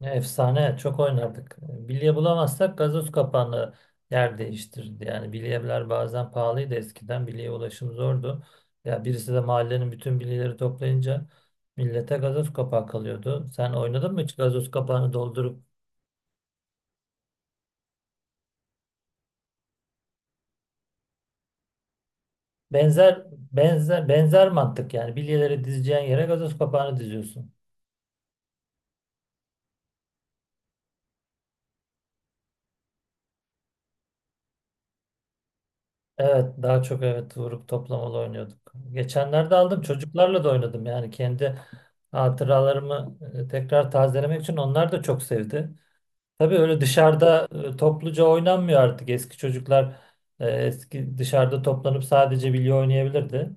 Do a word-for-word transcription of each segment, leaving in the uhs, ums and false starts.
Ne efsane. Çok oynardık. Bilye bulamazsak gazoz kapağını yer değiştirirdi. Yani bilyeler bazen pahalıydı eskiden. Bilyeye ulaşım zordu. Ya birisi de mahallenin bütün bilyeleri toplayınca millete gazoz kapağı kalıyordu. Sen oynadın mı hiç gazoz kapağını doldurup? Benzer benzer benzer mantık yani bilyeleri dizeceğin yere gazoz kapağını diziyorsun. Evet daha çok evet vurup toplamalı oynuyorduk. Geçenlerde aldım çocuklarla da oynadım yani kendi hatıralarımı e, tekrar tazelemek için onlar da çok sevdi. Tabii öyle dışarıda e, topluca oynanmıyor artık eski çocuklar e, eski dışarıda toplanıp sadece bilye oynayabilirdi.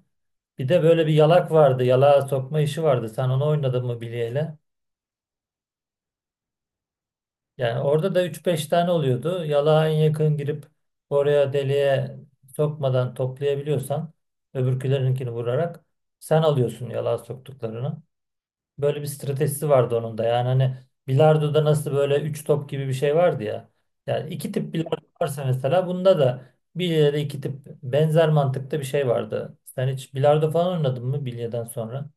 Bir de böyle bir yalak vardı, yalağa sokma işi vardı, sen onu oynadın mı bilyeyle? Yani orada da üç beş tane oluyordu. Yalağa en yakın girip oraya deliğe sokmadan toplayabiliyorsan öbürkülerinkini vurarak sen alıyorsun yalağa soktuklarını. Böyle bir stratejisi vardı onun da. Yani hani bilardoda nasıl böyle üç top gibi bir şey vardı ya. Yani iki tip bilardo varsa mesela, bunda da bilyede iki tip benzer mantıkta bir şey vardı. Sen hiç bilardo falan oynadın mı bilyeden sonra?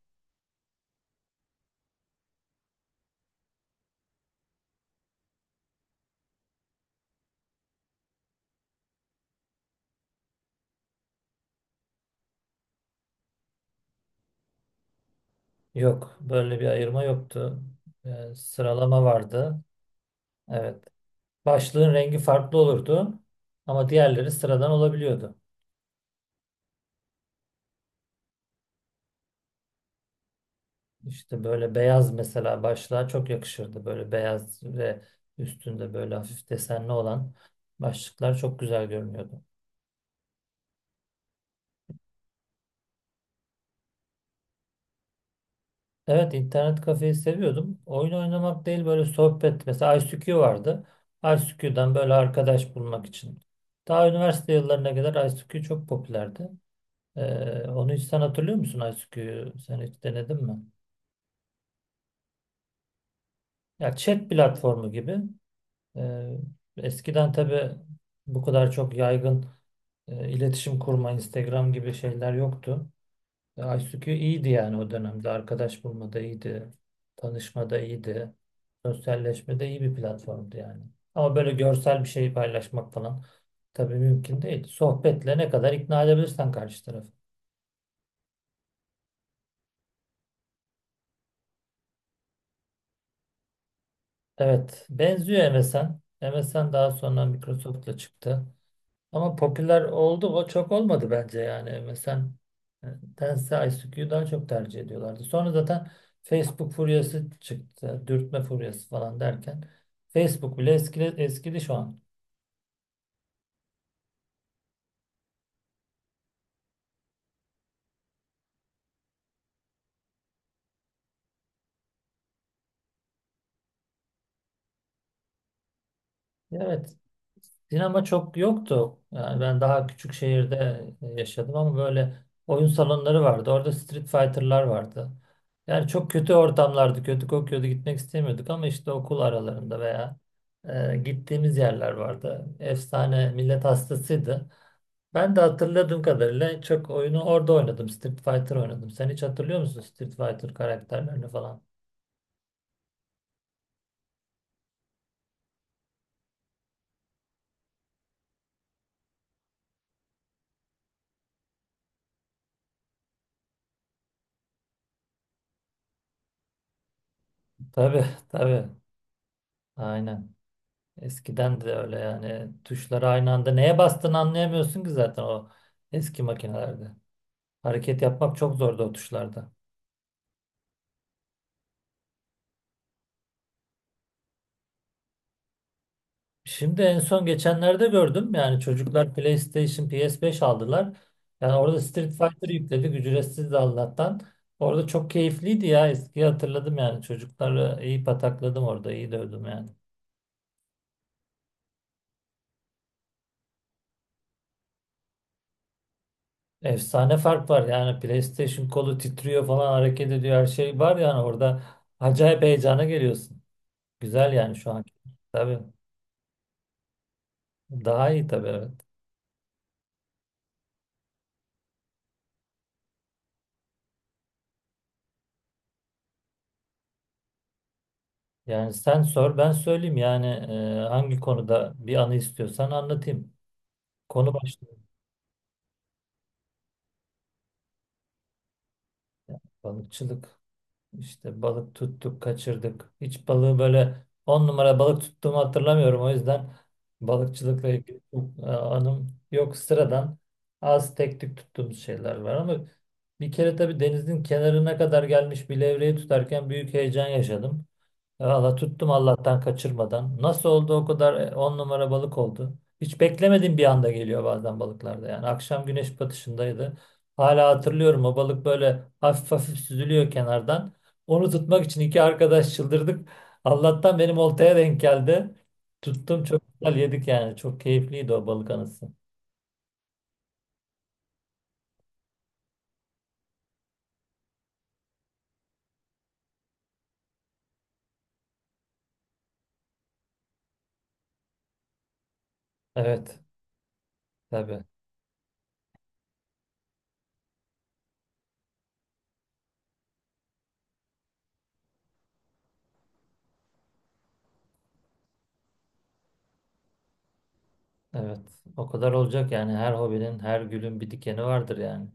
Yok. Böyle bir ayırma yoktu. Ee, sıralama vardı. Evet. Başlığın rengi farklı olurdu ama diğerleri sıradan olabiliyordu. İşte böyle beyaz mesela başlığa çok yakışırdı. Böyle beyaz ve üstünde böyle hafif desenli olan başlıklar çok güzel görünüyordu. Evet, internet kafeyi seviyordum. Oyun oynamak değil böyle sohbet. Mesela I C Q vardı. I C Q'dan böyle arkadaş bulmak için. Daha üniversite yıllarına kadar I C Q çok popülerdi. Ee, onu hiç sen hatırlıyor musun, I C Q'yu? Sen hiç denedin mi? Ya chat platformu gibi. Ee, Eskiden tabii bu kadar çok yaygın e, iletişim kurma, Instagram gibi şeyler yoktu. E, I C Q iyiydi yani o dönemde. Arkadaş bulmada iyiydi. Tanışmada iyiydi. Sosyalleşmede iyi bir platformdu yani. Ama böyle görsel bir şey paylaşmak falan tabii mümkün değil. Sohbetle ne kadar ikna edebilirsen karşı tarafı. Evet, benziyor M S N. M S N daha sonra Microsoft'la çıktı. Ama popüler oldu, o çok olmadı bence yani. Mesela e, Tense I C Q'yu daha çok tercih ediyorlardı. Sonra zaten Facebook furyası çıktı. Dürtme furyası falan derken Facebook bile eskili, eskidi şu an. Evet. Sinema çok yoktu. Yani ben daha küçük şehirde e, yaşadım ama böyle oyun salonları vardı. Orada Street Fighter'lar vardı. Yani çok kötü ortamlardı. Kötü kokuyordu. Gitmek istemiyorduk ama işte okul aralarında veya e, gittiğimiz yerler vardı. Efsane millet hastasıydı. Ben de hatırladığım kadarıyla çok oyunu orada oynadım. Street Fighter oynadım. Sen hiç hatırlıyor musun Street Fighter karakterlerini falan? Tabii tabii. Aynen. Eskiden de öyle yani, tuşları aynı anda neye bastığını anlayamıyorsun ki zaten o eski makinelerde. Hareket yapmak çok zordu o tuşlarda. Şimdi en son geçenlerde gördüm, yani çocuklar PlayStation P S beş aldılar. Yani orada Street Fighter yükledik, ücretsiz de Allah'tan. Orada çok keyifliydi ya, eskiyi hatırladım yani, çocukları iyi patakladım orada, iyi dövdüm yani. Efsane fark var yani, PlayStation kolu titriyor falan, hareket ediyor, her şey var yani orada, acayip heyecana geliyorsun. Güzel yani şu an. Tabii. Daha iyi tabii, evet. Yani sen sor ben söyleyeyim yani, e, hangi konuda bir anı istiyorsan anlatayım. Konu başlığı balıkçılık. İşte balık tuttuk, kaçırdık. Hiç balığı böyle on numara balık tuttuğumu hatırlamıyorum. O yüzden balıkçılıkla ilgili çok, e, anım yok. Sıradan az tek tük tuttuğumuz şeyler var ama bir kere tabii denizin kenarına kadar gelmiş bir levreyi tutarken büyük heyecan yaşadım. Valla tuttum Allah'tan, kaçırmadan. Nasıl oldu o kadar, e, on numara balık oldu. Hiç beklemediğim bir anda geliyor bazen balıklarda yani. Akşam güneş batışındaydı. Hala hatırlıyorum, o balık böyle hafif hafif süzülüyor kenardan. Onu tutmak için iki arkadaş çıldırdık. Allah'tan benim oltaya denk geldi. Tuttum, çok güzel yedik yani. Çok keyifliydi o balık anısı. Evet tabii, evet. O kadar olacak yani, her hobinin, her gülün bir dikeni vardır yani.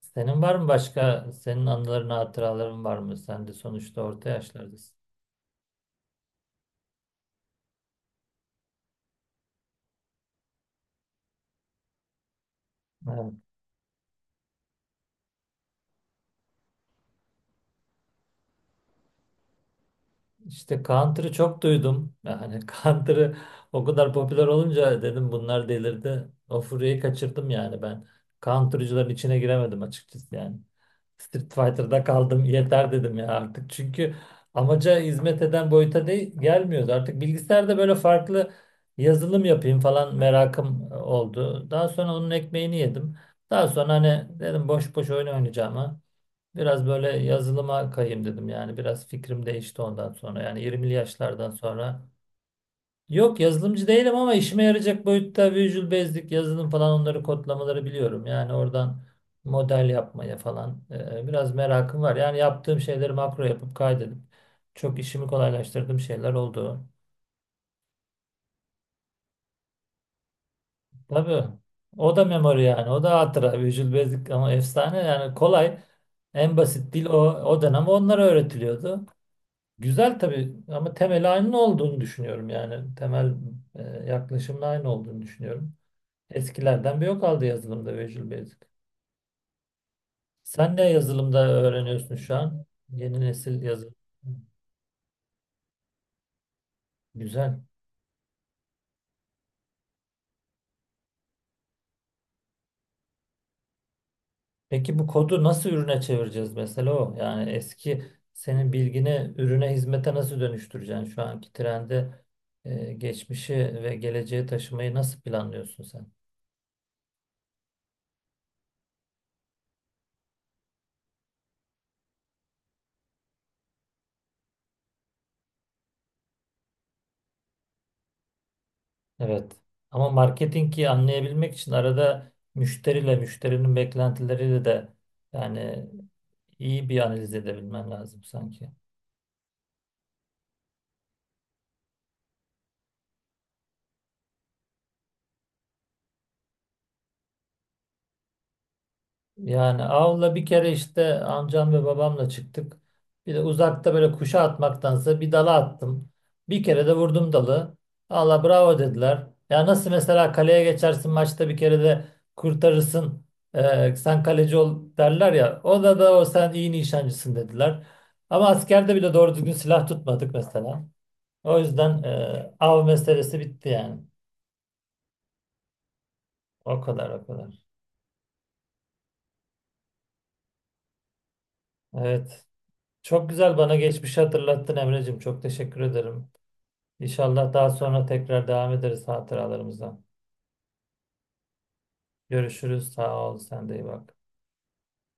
Senin var mı başka, senin anıların, hatıraların var mı? Sen de sonuçta orta yaşlardasın. Evet. İşte Counter'ı çok duydum. Yani Counter'ı o kadar popüler olunca dedim bunlar delirdi. O furyayı kaçırdım yani ben. Counter'cıların içine giremedim açıkçası yani. Street Fighter'da kaldım, yeter dedim ya artık. Çünkü amaca hizmet eden boyuta değil, gelmiyordu. Artık bilgisayarda böyle farklı yazılım yapayım falan merakım oldu. Daha sonra onun ekmeğini yedim. Daha sonra hani dedim boş boş oyun oynayacağım. Biraz böyle yazılıma kayayım dedim yani, biraz fikrim değişti ondan sonra yani, yirmili yaşlardan sonra. Yok, yazılımcı değilim ama işime yarayacak boyutta Visual Basic yazılım falan, onları, kodlamaları biliyorum. Yani oradan model yapmaya falan e, biraz merakım var. Yani yaptığım şeyleri makro yapıp kaydedip çok işimi kolaylaştırdığım şeyler oldu. Tabii o da memory, yani o da hatıra Visual Basic, ama efsane yani, kolay, en basit dil o, o dönem onlara öğretiliyordu. Güzel tabii ama temel aynı olduğunu düşünüyorum yani. Temel e, yaklaşımın aynı olduğunu düşünüyorum. Eskilerden bir yok aldı yazılımda Visual Basic. Sen ne yazılımda öğreniyorsun şu an? Yeni nesil yazılım. Güzel. Peki bu kodu nasıl ürüne çevireceğiz mesela o? Yani eski, senin bilgini ürüne, hizmete nasıl dönüştüreceksin? Şu anki trende e, geçmişi ve geleceği taşımayı nasıl planlıyorsun sen? Evet. Ama marketingi anlayabilmek için arada müşteriyle, müşterinin beklentileriyle de, yani, iyi bir analiz edebilmen lazım sanki. Yani avla bir kere işte amcam ve babamla çıktık. Bir de uzakta böyle kuşa atmaktansa bir dala attım. Bir kere de vurdum dalı. Allah, bravo dediler. Ya nasıl mesela kaleye geçersin maçta bir kere de kurtarırsın. Eee, sen kaleci ol derler ya. O da da o sen iyi nişancısın dediler. Ama askerde bile doğru düzgün silah tutmadık mesela. O yüzden eee, av meselesi bitti yani. O kadar, o kadar. Evet. Çok güzel, bana geçmişi hatırlattın Emre'cim. Çok teşekkür ederim. İnşallah daha sonra tekrar devam ederiz hatıralarımıza. Görüşürüz. Sağ ol. Sen de iyi bak.